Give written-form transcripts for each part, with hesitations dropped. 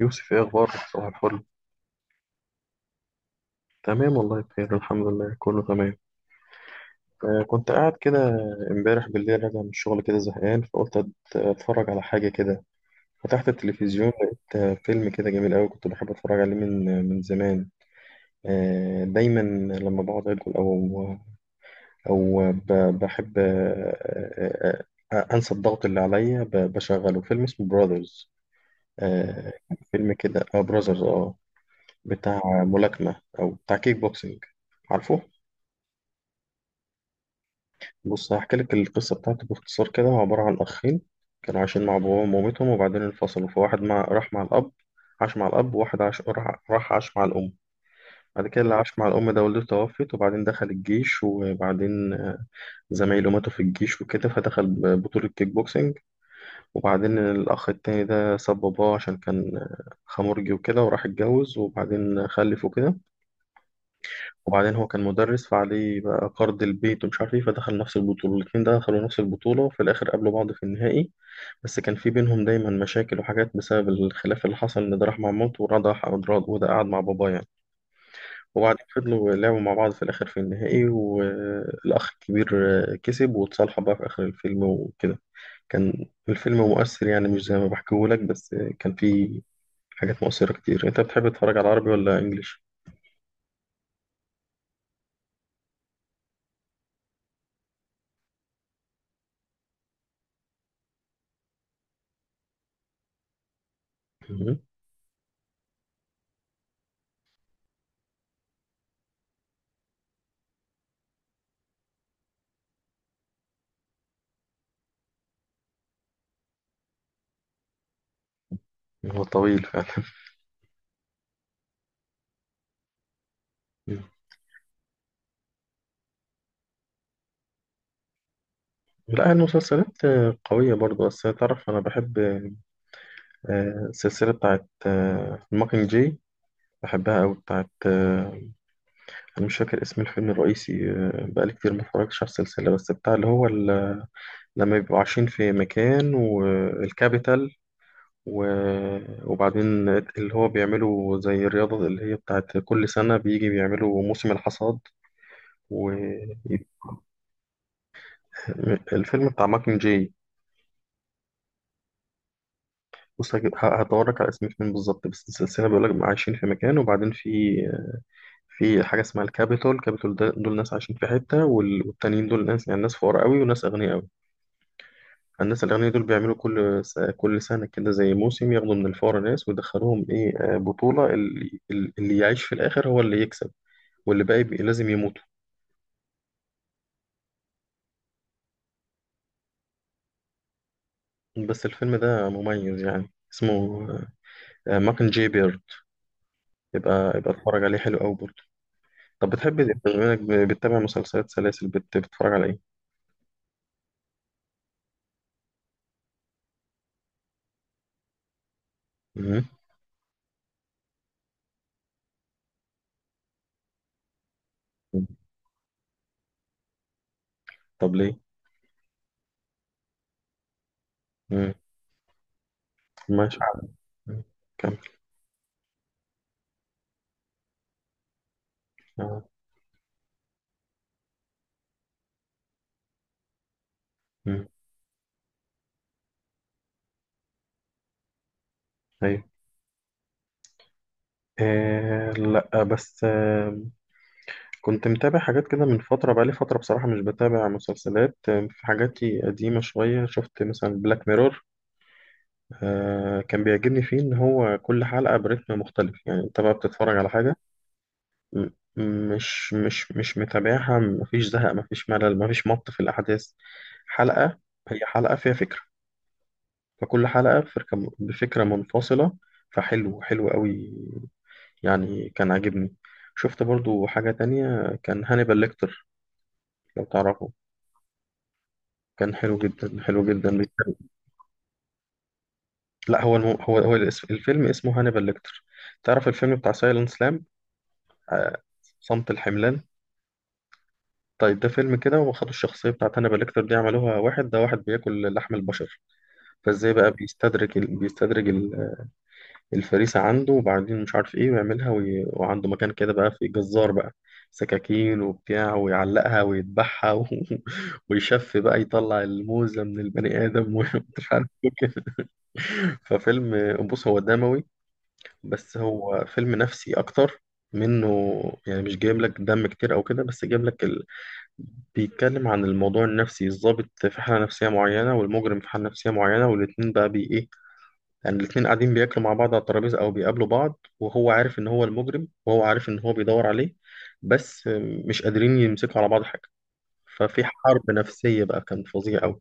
يوسف، ايه اخبارك؟ صباح الفل. تمام والله بخير الحمد لله، كله تمام. كنت قاعد كده امبارح بالليل راجع من الشغل كده زهقان، فقلت اتفرج على حاجه كده. فتحت التلفزيون، لقيت فيلم كده جميل قوي كنت بحب اتفرج عليه من من زمان. آه دايما لما بقعد اكل او بحب آه انسى الضغط اللي عليا، بشغله فيلم اسمه براذرز. آه. فيلم كده، براذرز، Brothers، بتاع ملاكمه او بتاع كيك بوكسينج. عارفه؟ بص، هحكي لك القصة بتاعته باختصار كده. هو عبارة عن أخين كانوا عايشين مع باباهم ومامتهم، وبعدين انفصلوا. فواحد راح مع الأب، عاش مع الأب، وواحد عاش راح عاش مع الأم. بعد كده اللي عاش مع الأم ده والدته توفت، وبعدين دخل الجيش، وبعدين زمايله ماتوا في الجيش وكده، فدخل بطولة كيك بوكسينج. وبعدين الأخ التاني ده ساب باباه عشان كان خمرجي وكده، وراح اتجوز وبعدين خلف وكده. وبعدين هو كان مدرس، فعليه بقى قرض البيت ومش عارف ايه، فدخل نفس البطولة. الاتنين ده دخلوا نفس البطولة، وفي الآخر قابلوا بعض في النهائي. بس كان في بينهم دايما مشاكل وحاجات بسبب الخلاف اللي حصل، إن ده راح مع مامته وده راح وده قعد مع باباه يعني. وبعدين فضلوا لعبوا مع بعض، في الآخر في النهائي، والأخ الكبير كسب، واتصالحوا بقى في آخر الفيلم وكده. كان الفيلم مؤثر يعني، مش زي ما بحكيهولك، بس كان فيه حاجات مؤثرة كتير. أنت بتحب تتفرج على عربي ولا إنجليش؟ مهم. هو طويل فعلا. لا، المسلسلات قوية برضو، بس تعرف أنا بحب السلسلة بتاعت ماكينج جاي. بحبها أوي، بتاعت أنا مش فاكر اسم الفيلم الرئيسي. بقالي كتير ما اتفرجتش على السلسلة، بس بتاع اللي هو لما بيبقوا عايشين في مكان والكابيتال، وبعدين اللي هو بيعملوا زي الرياضة اللي هي بتاعت كل سنة، بيجي بيعملوا موسم الحصاد. والفيلم بتاع ماكينج جاي. بص، هدورك على اسم فين بالظبط، بس السلسلة بيقول لك عايشين في مكان، وبعدين في في حاجة اسمها الكابيتول. الكابيتول ده دول ناس عايشين في حتة، والتانيين دول ناس، يعني ناس فقراء قوي وناس أغنياء قوي. الناس الأغنياء دول بيعملوا كل سنة كده زي موسم، ياخدوا من الفقراء ناس ويدخلوهم إيه، آه، بطولة، اللي يعيش في الآخر هو اللي يكسب، واللي باقي لازم يموتوا. بس الفيلم ده مميز يعني، اسمه ماكن جي بيرد. يبقى اتفرج عليه، حلو قوي برضه. طب بتحب، بما إنك بتتابع مسلسلات سلاسل، بتتفرج على إيه؟ مم. مم. طب ليه؟ مم. ماشي. مم. كمل. آه. مم. أيوة. آه، لا، بس آه كنت متابع حاجات كده من فترة. بقالي فترة بصراحة مش بتابع مسلسلات. آه، في حاجاتي قديمة شوية، شفت مثلا بلاك ميرور. آه، كان بيعجبني فيه إن هو كل حلقة برتم مختلف، يعني أنت بقى بتتفرج على حاجة م- مش متابعها، مفيش زهق، مفيش ملل، مفيش مط في الأحداث. حلقة هي حلقة فيها فكرة، فكل حلقة بفكرة منفصلة. فحلو حلو قوي يعني، كان عاجبني. شفت برضو حاجة تانية كان هانيبال ليكتر، لو تعرفه. كان حلو جدا، حلو جدا، بيتكلم. لا، هو هو الفيلم اسمه هانيبال ليكتر. تعرف الفيلم بتاع سايلنس سلام؟ صمت الحملان. طيب، ده فيلم كده وخدوا الشخصية بتاعت هانيبال ليكتر دي، عملوها واحد، ده واحد بياكل لحم البشر. فازاي بقى بيستدرج بيستدرج الفريسة عنده، وبعدين مش عارف ايه ويعملها وعنده مكان كده بقى، في جزار بقى، سكاكين وبتاع، ويعلقها ويذبحها ويشف بقى، يطلع الموزة من البني آدم ومش عارف. ففيلم، بص هو دموي، بس هو فيلم نفسي أكتر منه. يعني مش جايب لك دم كتير أو كده، بس جايب لك بيتكلم عن الموضوع النفسي، الضابط في حالة نفسية معينة، والمجرم في حالة نفسية معينة، والاتنين بقى بي إيه، يعني الاتنين قاعدين بياكلوا مع بعض على الترابيزة أو بيقابلوا بعض، وهو عارف إن هو المجرم، وهو عارف إن هو بيدور عليه، بس مش قادرين يمسكوا على بعض حاجة. ففي حرب نفسية بقى، كان فظيع أوي.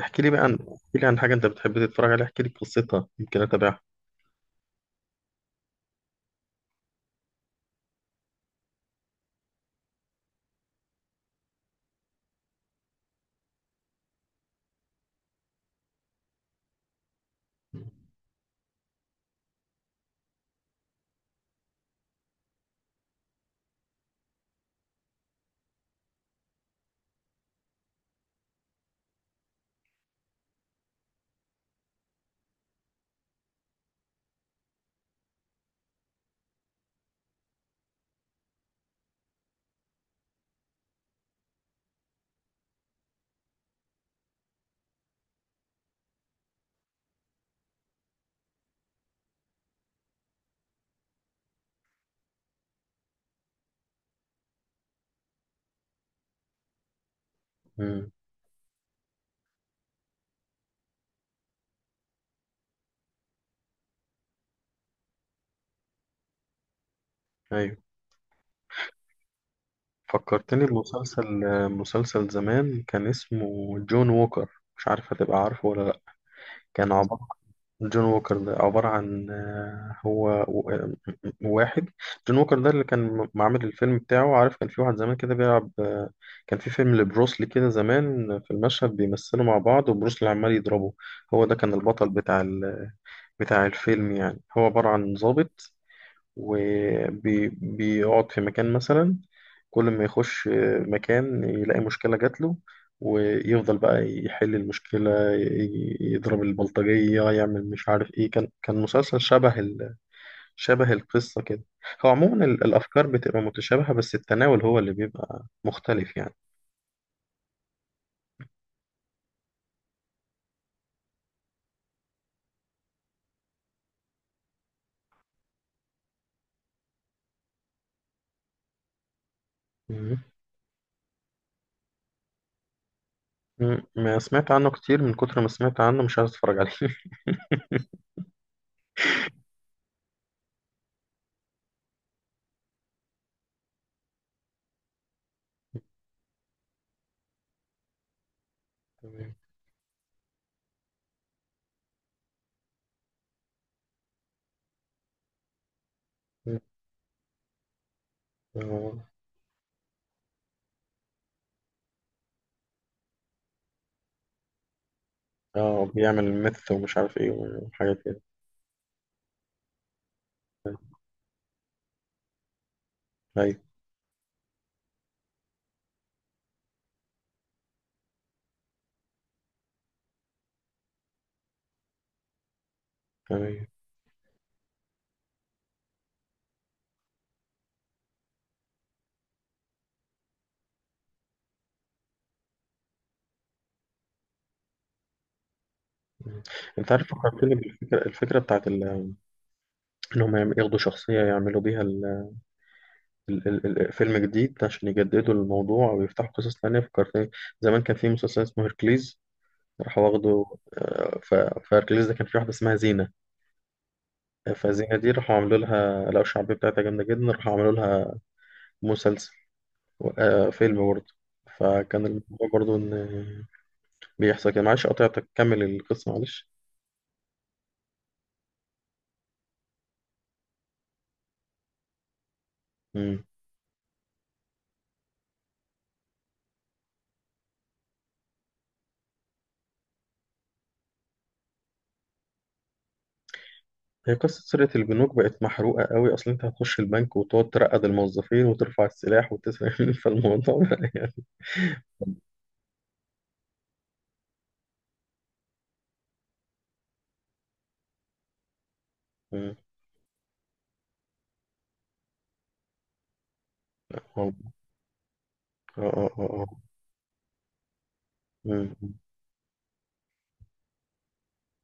احكي لي عن حاجة أنت بتحب تتفرج عليها، احكي لي قصتها يمكن أتابعها. امم. أيوه. فكرتني بمسلسل، مسلسل زمان كان اسمه جون ووكر. مش عارف هتبقى عارفه ولا لأ. كان عبارة جون ووكر ده عبارة عن هو واحد. جون ووكر ده اللي كان معمل الفيلم بتاعه. عارف كان في واحد زمان كده بيلعب كان في فيلم لبروسلي كده زمان، في المشهد بيمثلوا مع بعض وبروسلي عمال يضربه. هو ده كان البطل بتاع بتاع الفيلم، يعني هو عبارة عن ضابط وبيقعد في مكان مثلا، كل ما يخش مكان يلاقي مشكلة جاتله، ويفضل بقى يحل المشكلة، يضرب البلطجية، يعمل مش عارف ايه. كان مسلسل شبه، شبه القصة كده. هو عموما الأفكار بتبقى متشابهة، بس التناول هو اللي بيبقى مختلف يعني. مم. مم. ما سمعت عنه كتير، من كتر ما سمعت عنه مش عايز أتفرج عليه تمام. مم. اه. آه، بيعمل ميث ومش عارف ايه وحاجات كده. أيوة. تمام. مم. انت عارف، فكرتني بالفكرة، الفكرة بتاعت انهم ياخدوا شخصية يعملوا بيها فيلم جديد عشان يجددوا الموضوع ويفتحوا قصص تانية. فكرتني، زمان كان في مسلسل اسمه هيركليز، راح واخده آه، ف... فاركليز ده كان في واحدة اسمها زينة. فزينة دي راحوا عملوا لها، لقوا الشعبية بتاعتها جامدة جدا، راحوا عملوا لها مسلسل فيلم برضه. فكان الموضوع برضه إن بيحصل كده. معلش قطعتك، كمل القصة معلش. مم. هي قصة سرقة البنوك بقت محروقة قوي، أصل أنت هتخش البنك وتقعد ترقد الموظفين وترفع السلاح وتسرق فالموضوع بقى يعني. مم. آه، آه، آه، آه. آه. مم.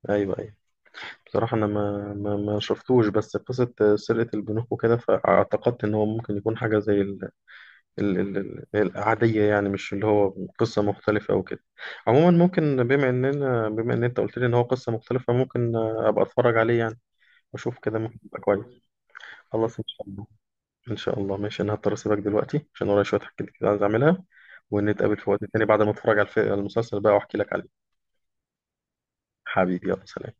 أيوه أيوه. بصراحة أنا ما شفتوش، بس قصة سرقة البنوك وكده فاعتقدت إن هو ممكن يكون حاجة زي ال ال العادية، يعني مش اللي هو قصة مختلفة أو كده. عموما ممكن، بما إن أنت قلت لي إن هو قصة مختلفة، ممكن أبقى أتفرج عليه يعني وأشوف كده، ممكن يبقى كويس. خلاص إن شاء الله. إن شاء الله، ماشي. أنا هضطر أسيبك دلوقتي عشان ورايا شوية حاجات كده عايز أعملها، ونتقابل في وقت تاني بعد ما أتفرج على المسلسل بقى وأحكي لك عليه. حبيبي يلا سلام.